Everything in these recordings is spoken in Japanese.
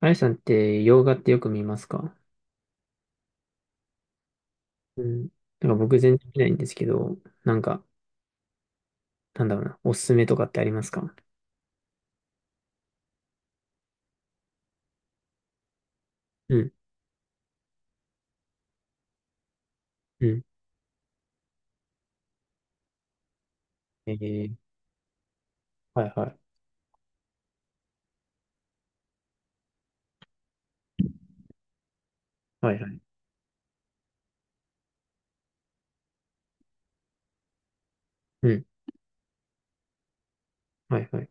あやさんって洋画ってよく見ますか？うん。なんか僕全然見ないんですけど、なんか、なんだろうな、おすすめとかってありますか？うん、うん。えー、はいはい。はいはい。うん、はいはい。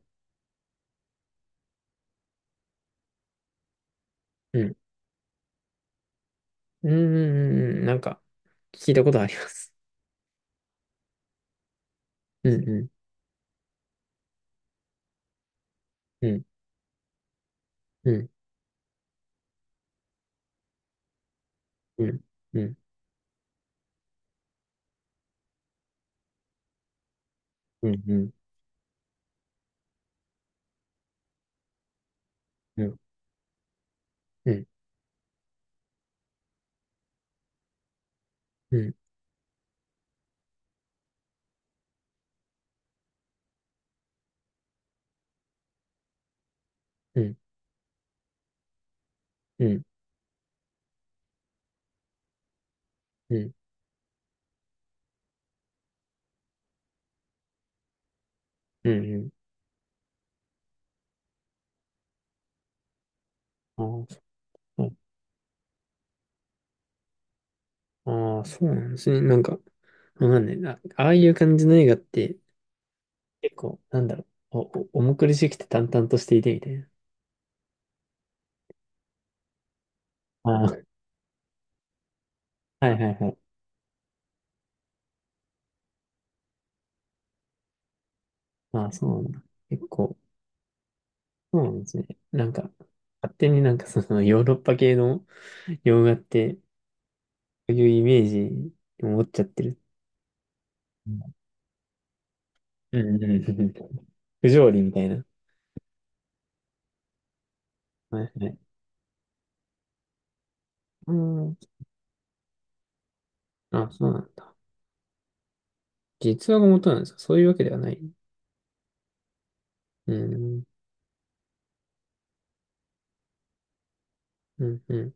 うん。うん、うんうんうん、なんか、聞いたことあります。うん、うん、うん、うん、うん、うん、うん、うん、うん、うん、うん、うん、うん、うん、うん、うん。ああ、そう。ああ、そうなんですね。なんか、わかんないな。ああいう感じの映画って、結構、なんだろう、重苦しくて淡々としていてみたいな。ああ、はいはいはい。ああ、そうなんだ。結構、そうなんですね。なんか、勝手になんかそのヨーロッパ系の洋画って、そういうイメージを持っちゃってる。うんうんうんうん、不条理みたいな。はいはい。うん。あ、そうなんだ。実話が元なんですか？そういうわけではない。うん。うん、うん。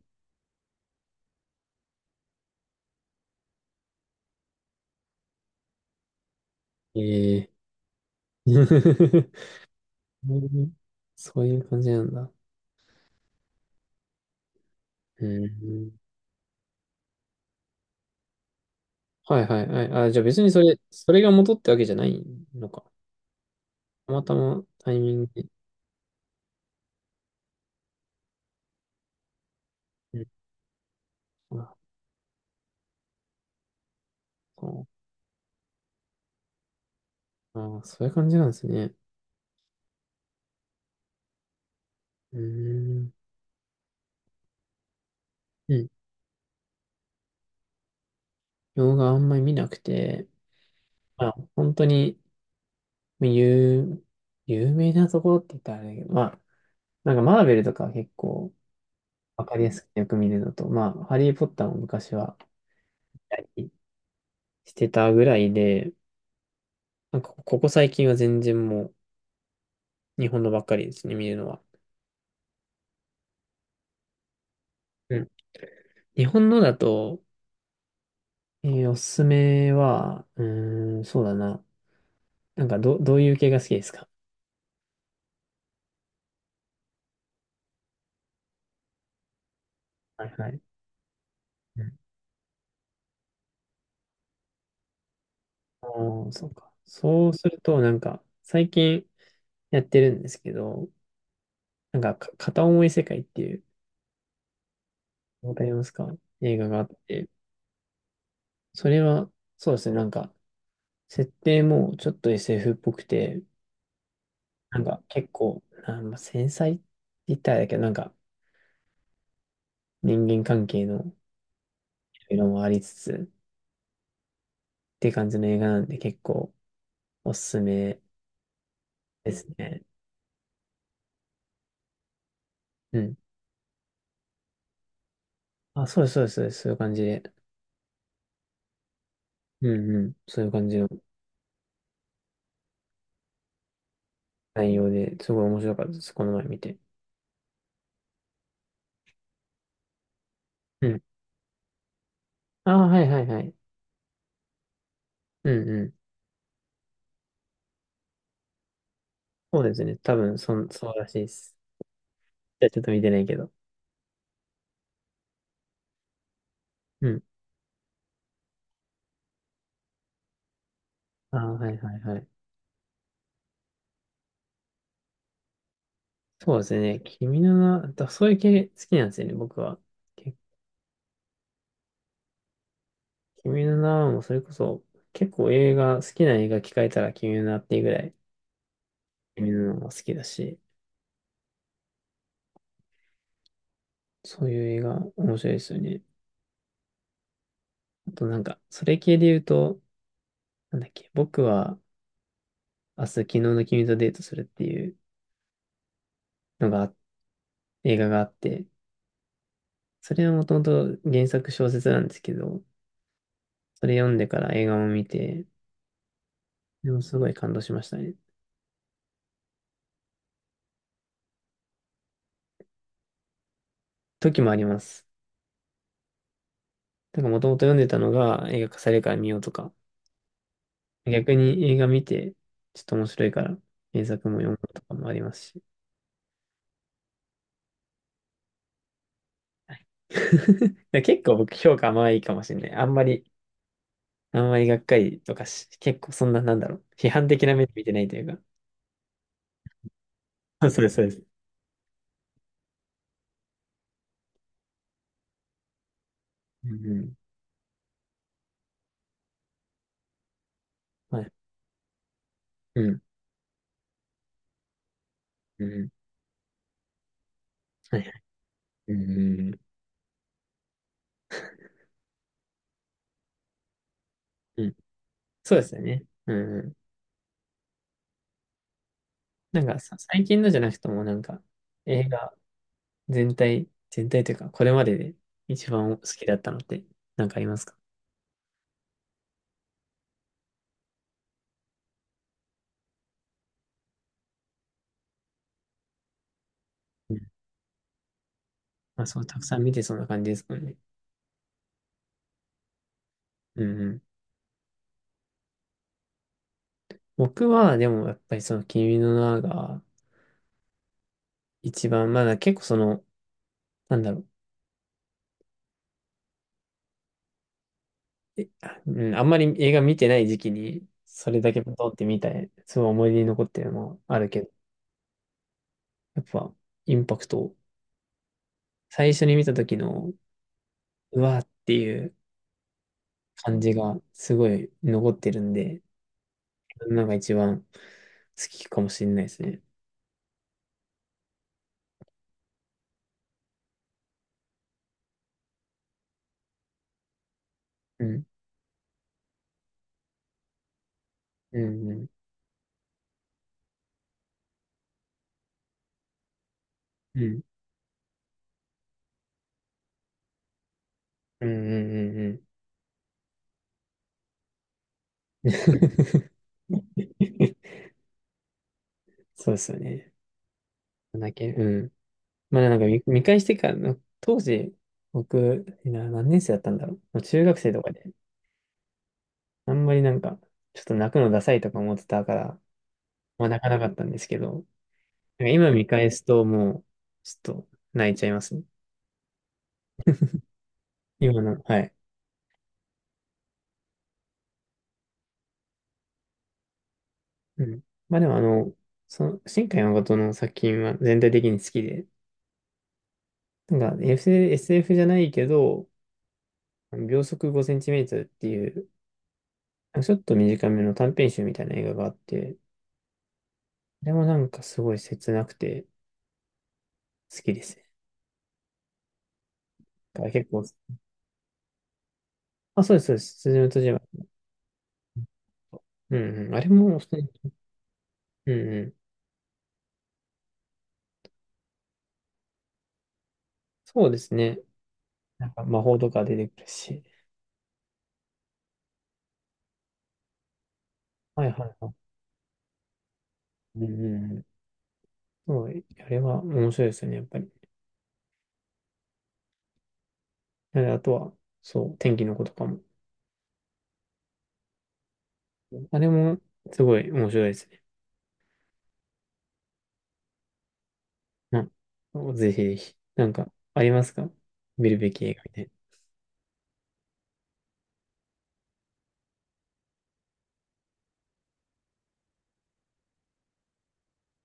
ええ、 そういう感じなんだ。うん。はいはいはい。あ、じゃあ別にそれが元ってわけじゃないのか。たまたまタイミングで。うん、あ、そう、あ、そういう感じなんですね。うーん。うん。動画あんまり見なくて、まあ、本当に、有、有名なところって言ったらあれだけど、まあ、なんかマーベルとか結構わかりやすくてよく見るのと、まあ、ハリー・ポッターも昔は見たりしてたぐらいで、なんかここ最近は全然もう日本のばっかりですね、見るのは。うん、日本のだと、えーおすすめは、うーん、そうだな。なんか、どういう系が好きですか？はいはい。うん、おー、そうか。そうすると、なんか、最近やってるんですけど、なんか、片思い世界っていう、わかりますか？映画があって、それは、そうですね、なんか、設定もちょっと SF っぽくて、なんか、結構、あ、まあ、繊細って言ったらあれだけど、なんか、人間関係の色もありつつ、って感じの映画なんで、結構、おすすめですね。うん、あ、そうです、そうです、そうです、そういう感じで。うんうん。そういう感じの内容で、すごい面白かったです、この前見て。うん。ああ、はいはいはい。うんうん。そうですね。多分、そうらしいです。じゃあちょっと見てないけど。うん。ああ、はいはいはい。そうですね。君の名は、だそういう系好きなんですよね、僕は。け君の名はもうそれこそ、結構映画、好きな映画聞かれたら君の名っていうぐらい、君の名が好きだし、そういう映画面白いですよね。あとなんか、それ系で言うと、なんだっけ、僕は、明日昨日の君とデートするっていうのが映画があって、それはもともと原作小説なんですけど、それ読んでから映画も見て、でもすごい感動しましたね。時もあります。だからもともと読んでたのが映画化されるから見ようとか、逆に映画見て、ちょっと面白いから原作も読むとかもありますし。だから結構僕評価甘いかもしれない。あんまり、あんまりがっかりとかし、結構そんな、なんだろう。批判的な目で見てないというか。そうです、そうです。うんうん。はい。うん。うん。はいはい。うん、うん。そうですよね。うん。なんかさ、最近のじゃなくても、なんか、映画全体というか、これまでで一番好きだったのって、なんかありますか？うん。まあ、そう、たくさん見てそうな感じですもんね。うん、うん。僕は、でも、やっぱりその、君の名が、一番、まだ結構その、なんだろう、え、あうん、あんまり映画見てない時期に、それだけ通ってみたい、すごい思い出に残ってるのもあるけど、やっぱ、インパクト最初に見た時の、うわーっていう感じがすごい残ってるんで、なんか一番好きかもしれないですね。うん。うん。うん。うん。うん。うん。うん。 そうですよね。だけ、うん。まあなんか見返してからの、当時、僕、何年生だったんだろう。もう中学生とかで、あんまりなんか、ちょっと泣くのダサいとか思ってたから、まあ泣かなかったんですけど、なんか今見返すともう、ちょっと泣いちゃいますね。今の、はい。うん。まあでもあの、その、新海誠の作品は全体的に好きで、なんか SF、エフじゃないけど、秒速5センチメートルっていう、ちょっと短めの短編集みたいな映画があって、あれもなんかすごい切なくて好きですね。だから結構、あ、そうです、そうです。辻の戸締まりと。うんうん。あれも普通に、うんうん。そうですね。なんか魔法とか出てくるし。はいはいはい。うんうんうん。そう、あれは面白いですよね、やっぱり。ああとは、そう、天気の子とかも。あれもすごい面白いですね。ぜひぜひ。なんか、ありますか？見るべき映画みたい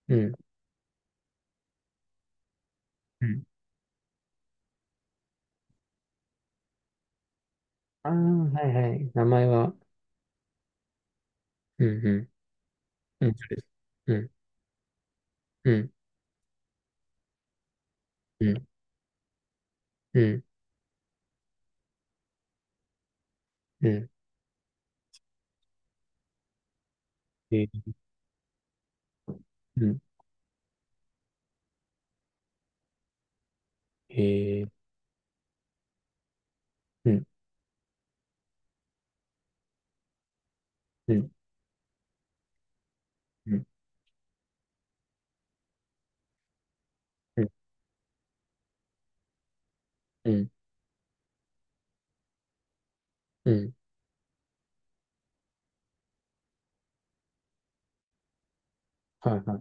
な。うん。うん。ああ、はいはい。名前は、うんうん。うん、それです。うん、うん、うん、うん、うん。えー、うん、えー、うん、うん、うん、うん、うん、うん。はいは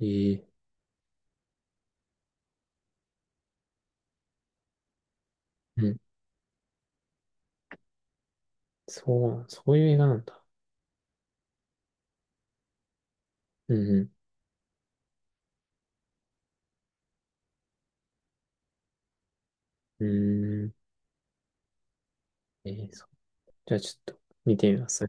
い。えー、うん。そう、そういう映画なんだ。うん、うん。うーん。えー、そう。じゃあちょっと見てみます。